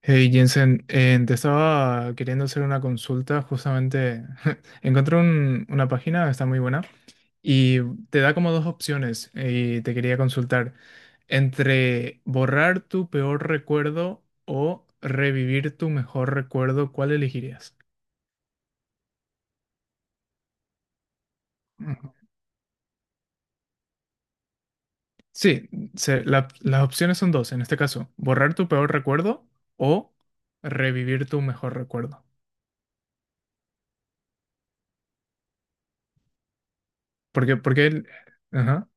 Hey Jensen, te estaba queriendo hacer una consulta, justamente encontré una página, está muy buena, y te da como dos opciones, y te quería consultar, entre borrar tu peor recuerdo o revivir tu mejor recuerdo, ¿cuál elegirías? Ujú. Sí, las opciones son dos, en este caso, borrar tu peor recuerdo o revivir tu mejor recuerdo. Porque, ajá,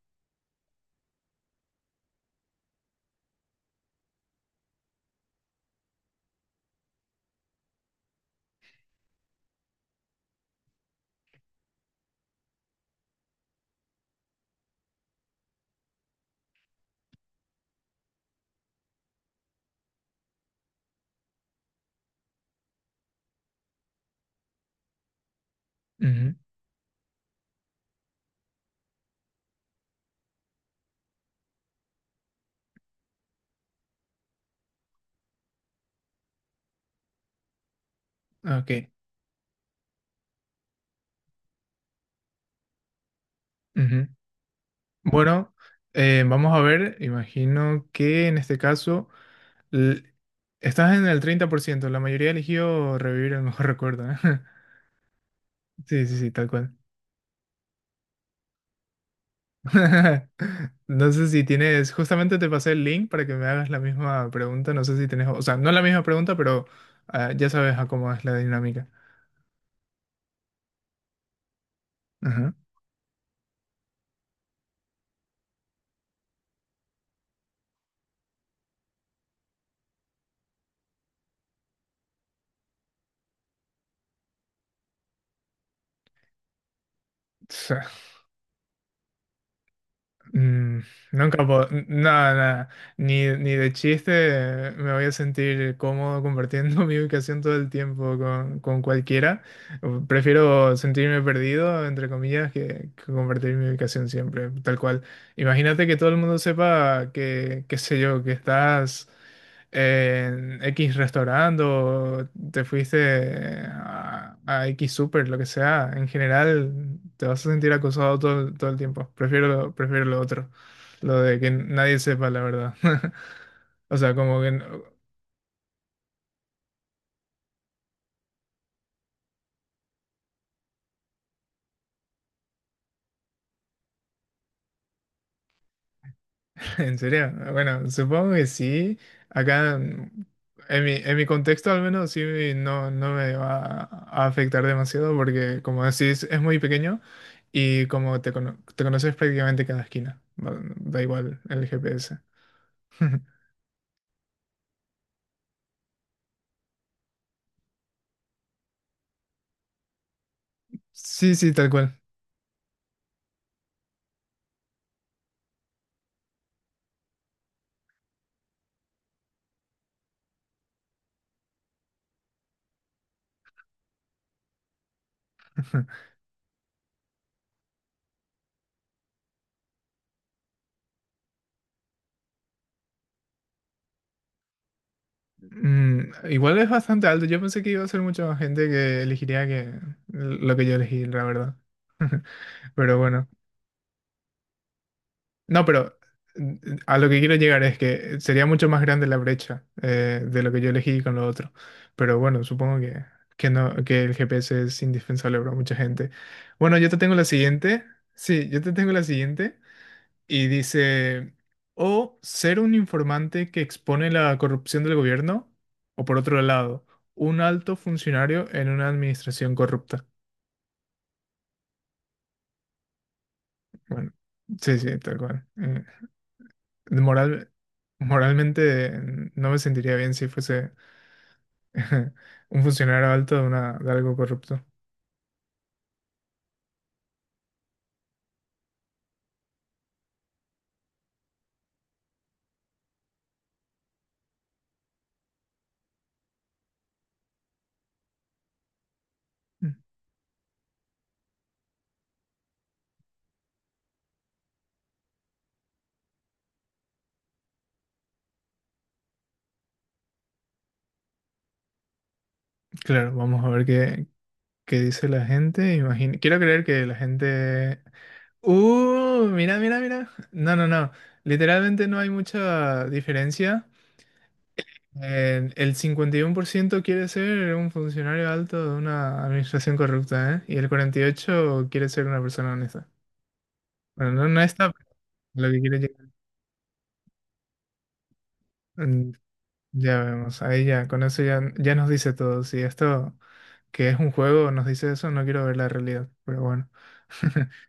ujú, ok, ujú. Bueno, vamos a ver, imagino que en este caso l- estás en el 30%. La mayoría eligió revivir el mejor recuerdo, ¿eh? Sí, sí, sí, tal cual. No sé si tienes, justamente te pasé el link para que me hagas la misma pregunta, no sé si tienes, o sea, no la misma pregunta, pero ya sabes a cómo es la dinámica. Ajá. Mm, nunca puedo, nada, nada, ni de chiste, me voy a sentir cómodo compartiendo mi ubicación todo el tiempo con cualquiera. Prefiero sentirme perdido, entre comillas, que compartir mi ubicación siempre, tal cual. Imagínate que todo el mundo sepa que, qué sé yo, que estás en X restaurante o te fuiste a X super, lo que sea. En general te vas a sentir acosado todo, todo el tiempo. Prefiero lo otro, lo de que nadie sepa la verdad. O sea, como que no- ¿En serio? Bueno, supongo que sí. Acá, en en mi contexto al menos sí, no me va a afectar demasiado porque como decís es muy pequeño, y como te conoces prácticamente cada esquina. Da igual el GPS. Sí, sí, tal cual. Igual es bastante alto. Yo pensé que iba a ser mucha más gente que elegiría que lo que yo elegí, la verdad. Pero bueno. No, pero mm, a lo que quiero llegar es que sería mucho más grande la brecha, de lo que yo elegí con lo otro. Pero bueno, supongo que, no, que el GPS es indispensable para mucha gente. Bueno, yo te tengo la siguiente. Sí, yo te tengo la siguiente. Y dice, o ser un informante que expone la corrupción del gobierno, o por otro lado, un alto funcionario en una administración corrupta. Bueno, sí, sí, tal cual. Moral, moralmente, no me sentiría bien si fuese un funcionario alto de algo corrupto. Mm. Claro, vamos a ver qué, dice la gente. Imagino, quiero creer que la gente… ¡Uh! Mira, mira, mira. No, no, no. Literalmente no hay mucha diferencia. El 51% quiere ser un funcionario alto de una administración corrupta, ¿eh? Y el 48% quiere ser una persona honesta. Bueno, no, no está lo que quiere llegar. Mm. Ya vemos, ahí ya, con eso ya, ya nos dice todo. Si esto que es un juego nos dice eso, no quiero ver la realidad. Pero bueno,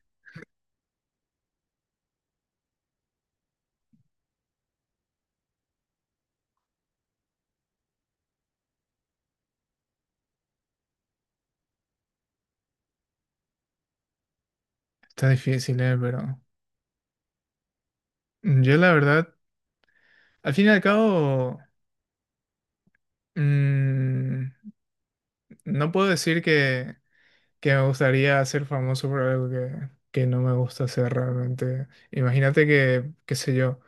está difícil, ¿eh? Pero yo la verdad, al fin y al cabo, mm, no puedo decir que, me gustaría ser famoso por algo que, no me gusta hacer realmente. Imagínate que, qué sé yo,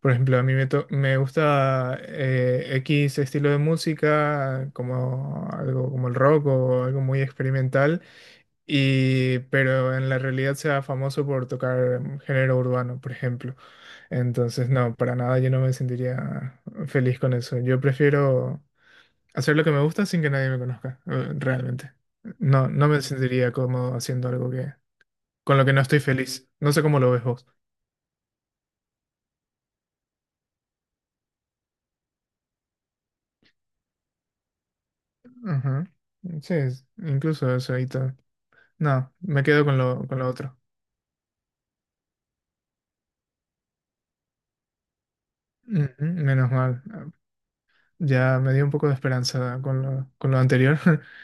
por ejemplo, a mí me gusta, X estilo de música, como algo como el rock o algo muy experimental. Y, pero en la realidad sea famoso por tocar, género urbano, por ejemplo. Entonces, no, para nada yo no me sentiría feliz con eso. Yo prefiero hacer lo que me gusta sin que nadie me conozca, realmente. No, no me sentiría cómodo haciendo algo que, con lo que no estoy feliz. No sé cómo lo ves vos. Ajá. Sí, incluso eso y todo. No, me quedo con con lo otro. Ujú, menos mal. Ya me dio un poco de esperanza con con lo anterior.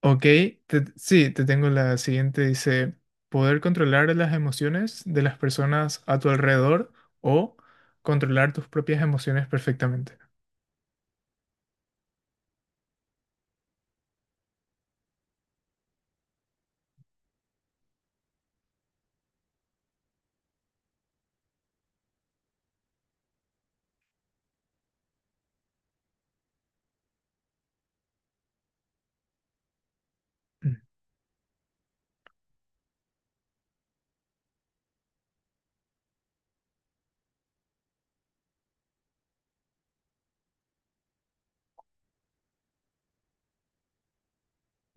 Ok, sí, te tengo la siguiente. Dice, poder controlar las emociones de las personas a tu alrededor o controlar tus propias emociones perfectamente. Mm,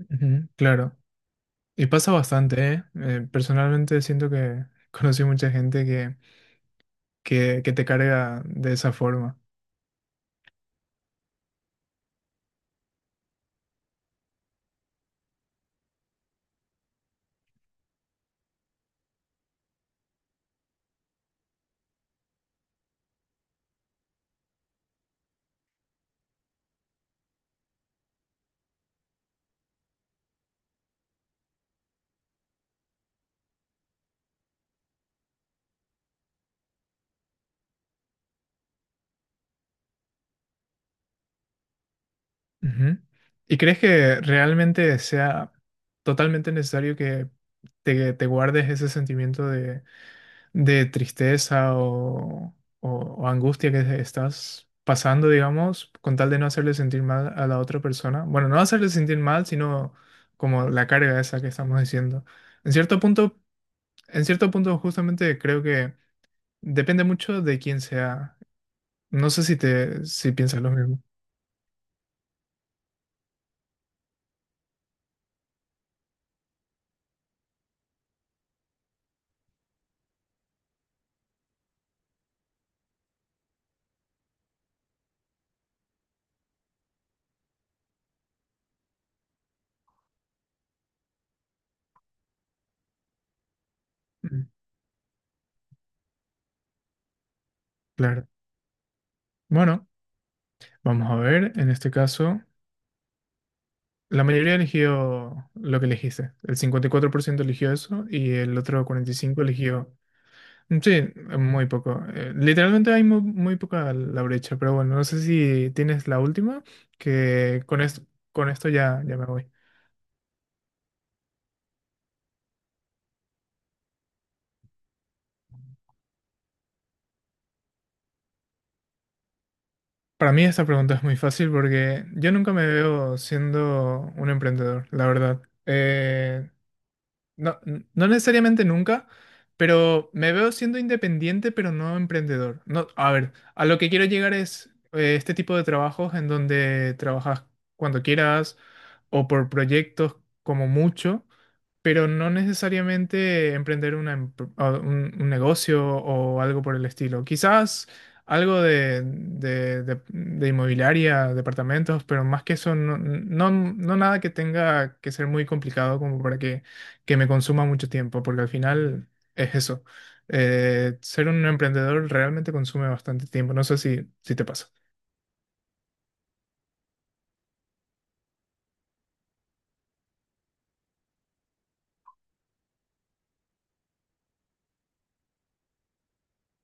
ujú, claro, y pasa bastante, ¿eh? Personalmente siento que conocí mucha gente que te carga de esa forma. Ujú. ¿Y crees que realmente sea totalmente necesario que te guardes ese sentimiento de tristeza, o- o angustia que estás pasando, digamos, con tal de no hacerle sentir mal a la otra persona? Bueno, no hacerle sentir mal, sino como la carga esa que estamos diciendo. En cierto punto, en cierto punto justamente creo que depende mucho de quién sea. No sé si si piensas lo mismo. Mm, claro. Bueno, vamos a ver, en este caso, la mayoría eligió lo que elegiste. El 54% eligió eso y el otro 45% eligió. Sí, muy poco. Literalmente hay muy poca la brecha, pero bueno, no sé si tienes la última, que con esto ya, ya me voy. Para mí esta pregunta es muy fácil porque yo nunca me veo siendo un emprendedor, la verdad. No, no necesariamente nunca, pero me veo siendo independiente, pero no emprendedor. No, a ver, a lo que quiero llegar es, este tipo de trabajos en donde trabajas cuando quieras o por proyectos como mucho, pero no necesariamente emprender una un negocio o algo por el estilo. Quizás algo de inmobiliaria, departamentos, pero más que eso, no, no, no nada que tenga que ser muy complicado como para que me consuma mucho tiempo, porque al final es eso. Ser un emprendedor realmente consume bastante tiempo. No sé si te pasa.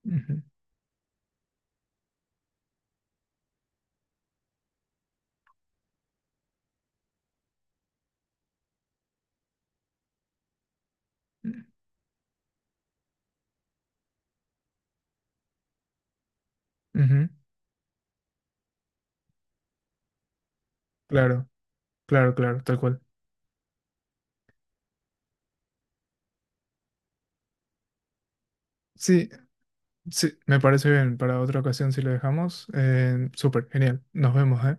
Ujú, ujú, claro, claro, claro, tal cual. Sí, sí, me parece bien. Para otra ocasión, si lo dejamos, súper, genial. Nos vemos, ¿eh?